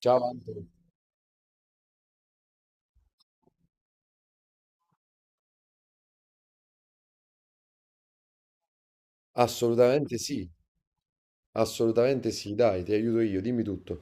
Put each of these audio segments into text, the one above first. Ciao Antonio. Assolutamente sì, assolutamente sì, dai, ti aiuto io, dimmi tutto.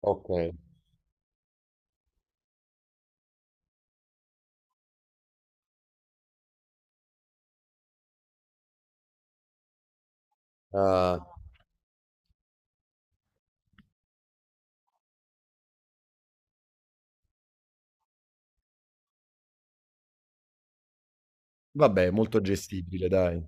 Ok. Ah, vabbè, molto gestibile, dai.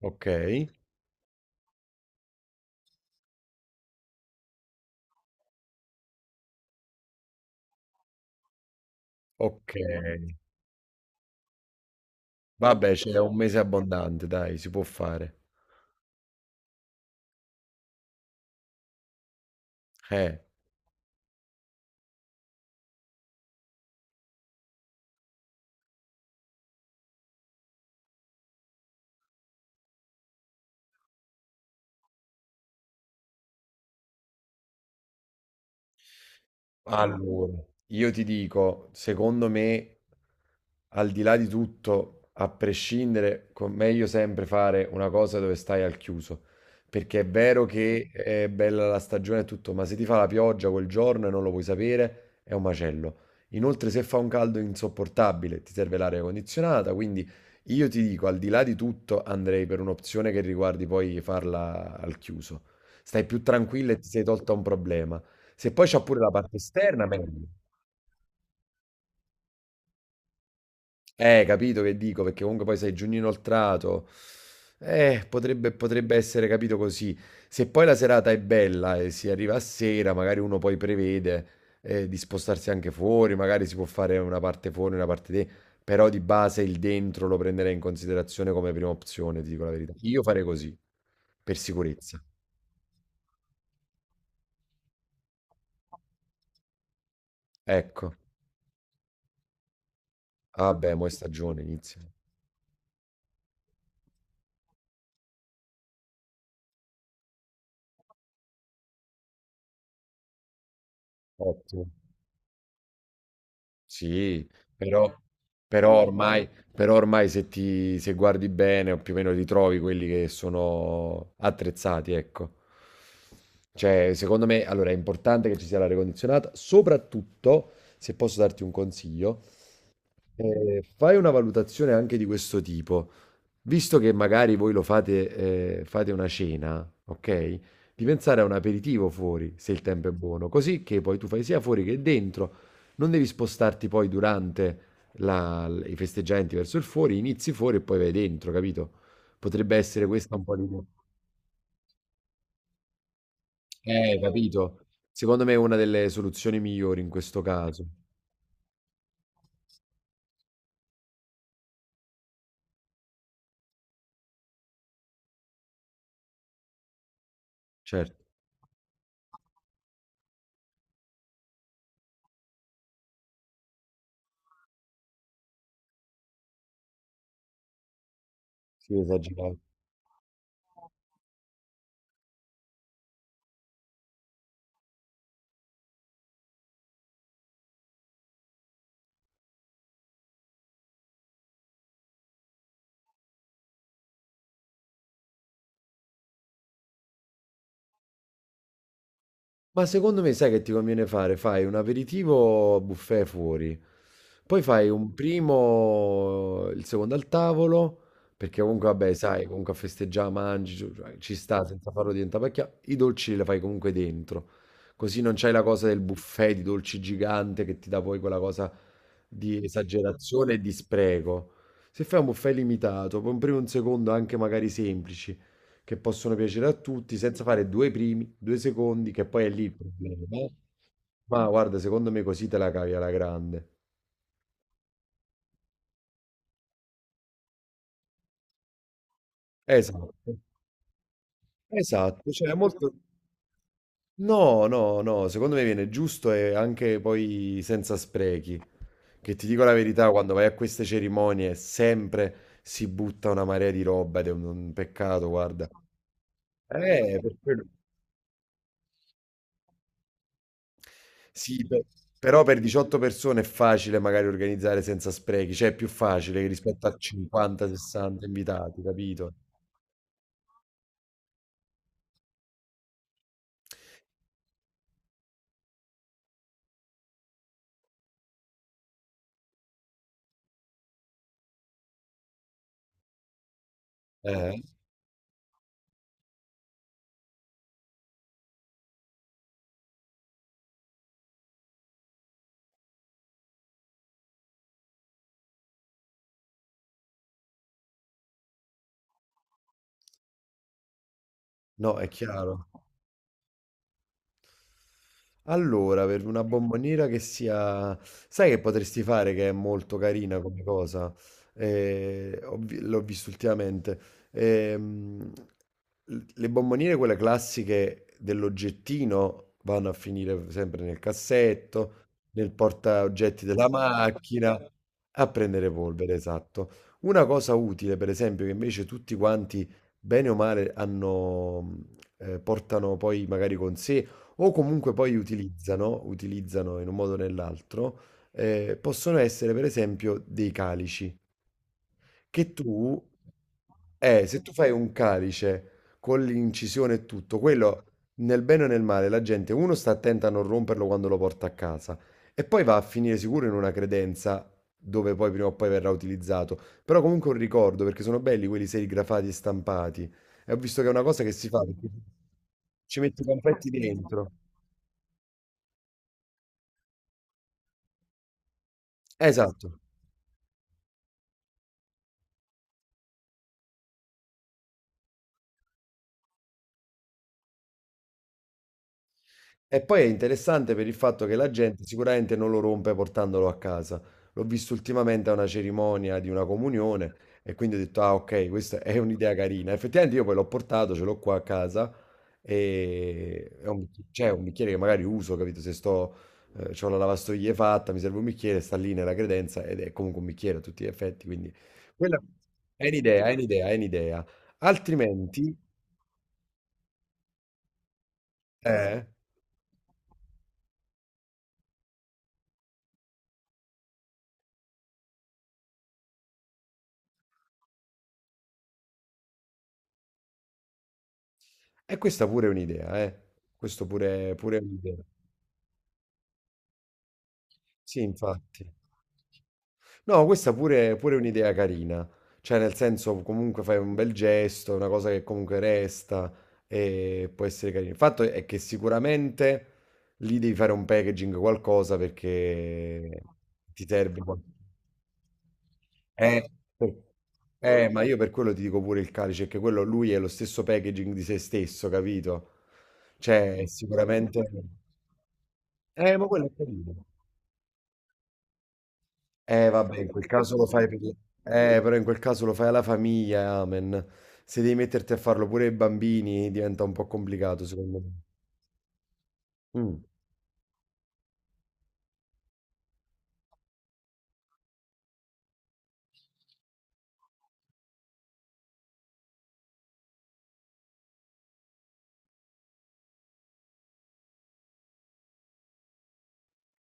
Ok, ok. Vabbè, c'è un mese abbondante, dai, si può fare. Eh, allora, io ti dico, secondo me. Al di là di tutto, a prescindere, meglio sempre fare una cosa dove stai al chiuso. Perché è vero che è bella la stagione e tutto, ma se ti fa la pioggia quel giorno e non lo puoi sapere, è un macello. Inoltre, se fa un caldo insopportabile, ti serve l'aria condizionata. Quindi io ti dico, al di là di tutto, andrei per un'opzione che riguardi poi farla al chiuso. Stai più tranquilla e ti sei tolta un problema. Se poi c'ha pure la parte esterna, meglio. Capito che dico, perché comunque poi sei giugno inoltrato. Potrebbe essere capito così. Se poi la serata è bella e si arriva a sera, magari uno poi prevede di spostarsi anche fuori, magari si può fare una parte fuori, una parte dentro, però di base il dentro lo prenderei in considerazione come prima opzione, ti dico la verità. Io farei così, per sicurezza. Ecco. Vabbè, mo' è stagione, inizia. Ottimo. Sì, però però ormai però ormai se guardi bene o più o meno li trovi quelli che sono attrezzati, ecco. Cioè, secondo me, allora è importante che ci sia l'aria condizionata, soprattutto se posso darti un consiglio, fai una valutazione anche di questo tipo. Visto che magari voi lo fate, fate una cena, ok? Di pensare a un aperitivo fuori, se il tempo è buono, così che poi tu fai sia fuori che dentro, non devi spostarti poi durante i festeggiamenti verso il fuori, inizi fuori e poi vai dentro, capito? Potrebbe essere questa un po' di. Capito? Secondo me è una delle soluzioni migliori in questo caso. Certo, si è esagerato. Ma secondo me sai che ti conviene fare? Fai un aperitivo buffet fuori, poi fai un primo, il secondo al tavolo, perché comunque vabbè, sai, comunque a festeggiare, mangi, ci cioè, ci sta senza farlo diventare pacchia, i dolci li fai comunque dentro, così non c'hai la cosa del buffet di dolci gigante che ti dà poi quella cosa di esagerazione e di spreco. Se fai un buffet limitato, poi un primo e un secondo anche magari semplici, che possono piacere a tutti, senza fare due primi, due secondi, che poi è lì il problema, eh. Ma guarda, secondo me così te la cavi alla grande. Esatto, esatto, cioè è molto. No, no, no, secondo me viene giusto e anche poi senza sprechi. Che ti dico la verità, quando vai a queste cerimonie sempre si butta una marea di roba ed è un peccato, guarda. Per quello. Sì, pe però per 18 persone è facile magari organizzare senza sprechi, cioè è più facile rispetto a 50, 60 invitati, capito? Eh, no, è chiaro. Allora, per una bomboniera che sia. Sai che potresti fare che è molto carina come cosa? L'ho visto ultimamente. Ehm, le bomboniere, quelle classiche dell'oggettino, vanno a finire sempre nel cassetto, nel portaoggetti della macchina, a prendere polvere, esatto. Una cosa utile, per esempio, che invece tutti quanti, bene o male, hanno, portano poi magari con sé o comunque poi utilizzano in un modo o nell'altro, possono essere per esempio dei calici, che tu, se tu fai un calice con l'incisione e tutto, quello nel bene o nel male, la gente, uno sta attenta a non romperlo quando lo porta a casa e poi va a finire sicuro in una credenza dove poi prima o poi verrà utilizzato, però comunque un ricordo, perché sono belli quelli serigrafati e stampati, e ho visto che è una cosa che si fa, perché ci metti i confetti dentro. Esatto. E poi è interessante per il fatto che la gente sicuramente non lo rompe portandolo a casa. L'ho visto ultimamente a una cerimonia di una comunione e quindi ho detto, ah ok, questa è un'idea carina. Effettivamente io poi l'ho portato, ce l'ho qua a casa e è un, c'è un bicchiere che magari uso, capito? Se sto, C'ho la lavastoviglie fatta, mi serve un bicchiere, sta lì nella credenza ed è comunque un bicchiere a tutti gli effetti. Quindi quella è un'idea, è un'idea, è un'idea. Altrimenti. Eh? E questa pure è un'idea, eh. Questo pure pure è un'idea. Sì, infatti. No, questa pure, pure è un'idea carina. Cioè, nel senso, comunque fai un bel gesto, una cosa che comunque resta e può essere carina. Il fatto è che sicuramente lì devi fare un packaging, qualcosa perché ti serve. Eh, per- ma io per quello ti dico pure il calice, che quello lui è lo stesso packaging di se stesso, capito? Cioè, sicuramente. Ma quello è carino. Eh vabbè, in quel caso lo fai per. Però in quel caso lo fai alla famiglia, amen. Se devi metterti a farlo pure ai bambini diventa un po' complicato, secondo me. Mm.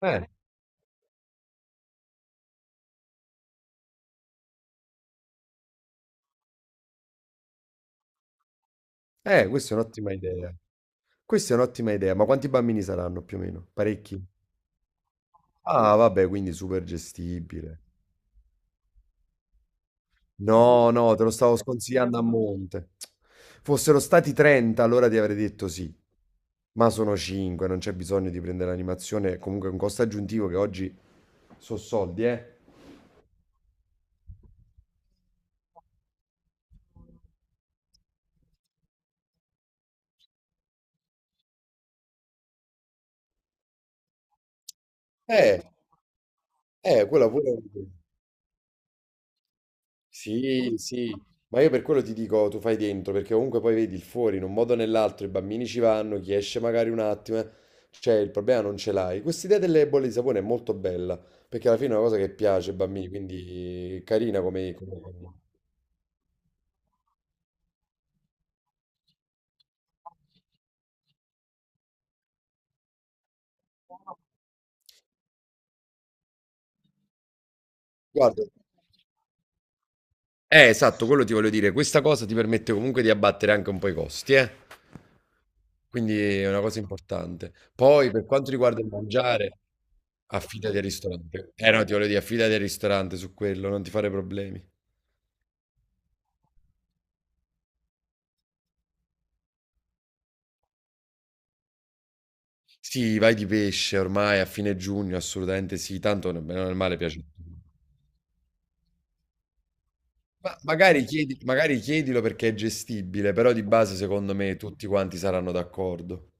Eh, Questa è un'ottima idea. Questa è un'ottima idea, ma quanti bambini saranno più o meno? Parecchi? Ah, vabbè, quindi super gestibile. No, no, te lo stavo sconsigliando a monte. Fossero stati 30, allora ti avrei detto sì. Ma sono 5, non c'è bisogno di prendere l'animazione, comunque è un costo aggiuntivo che oggi sono soldi, eh. Eh. Quella pure. Sì, sì, ma io per quello ti dico, tu fai dentro, perché comunque poi vedi il fuori, in un modo o nell'altro, i bambini ci vanno, chi esce magari un attimo, cioè il problema non ce l'hai. Questa idea delle bolle di sapone è molto bella, perché alla fine è una cosa che piace ai bambini, quindi è carina come. Guarda. Esatto, quello ti voglio dire, questa cosa ti permette comunque di abbattere anche un po' i costi, eh. Quindi è una cosa importante. Poi per quanto riguarda il mangiare, affidati al ristorante. Eh no, ti voglio dire, affidati al ristorante su quello, non ti fare problemi. Sì, vai di pesce ormai a fine giugno, assolutamente sì, tanto nel bene o nel male piace a tutti. Ma magari magari chiedilo perché è gestibile, però di base secondo me tutti quanti saranno d'accordo.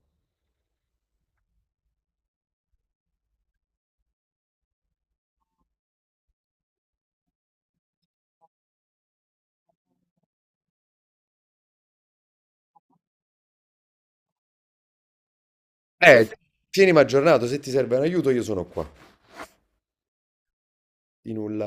Eh, Tienimi aggiornato, se ti serve un aiuto io sono qua. Di nulla.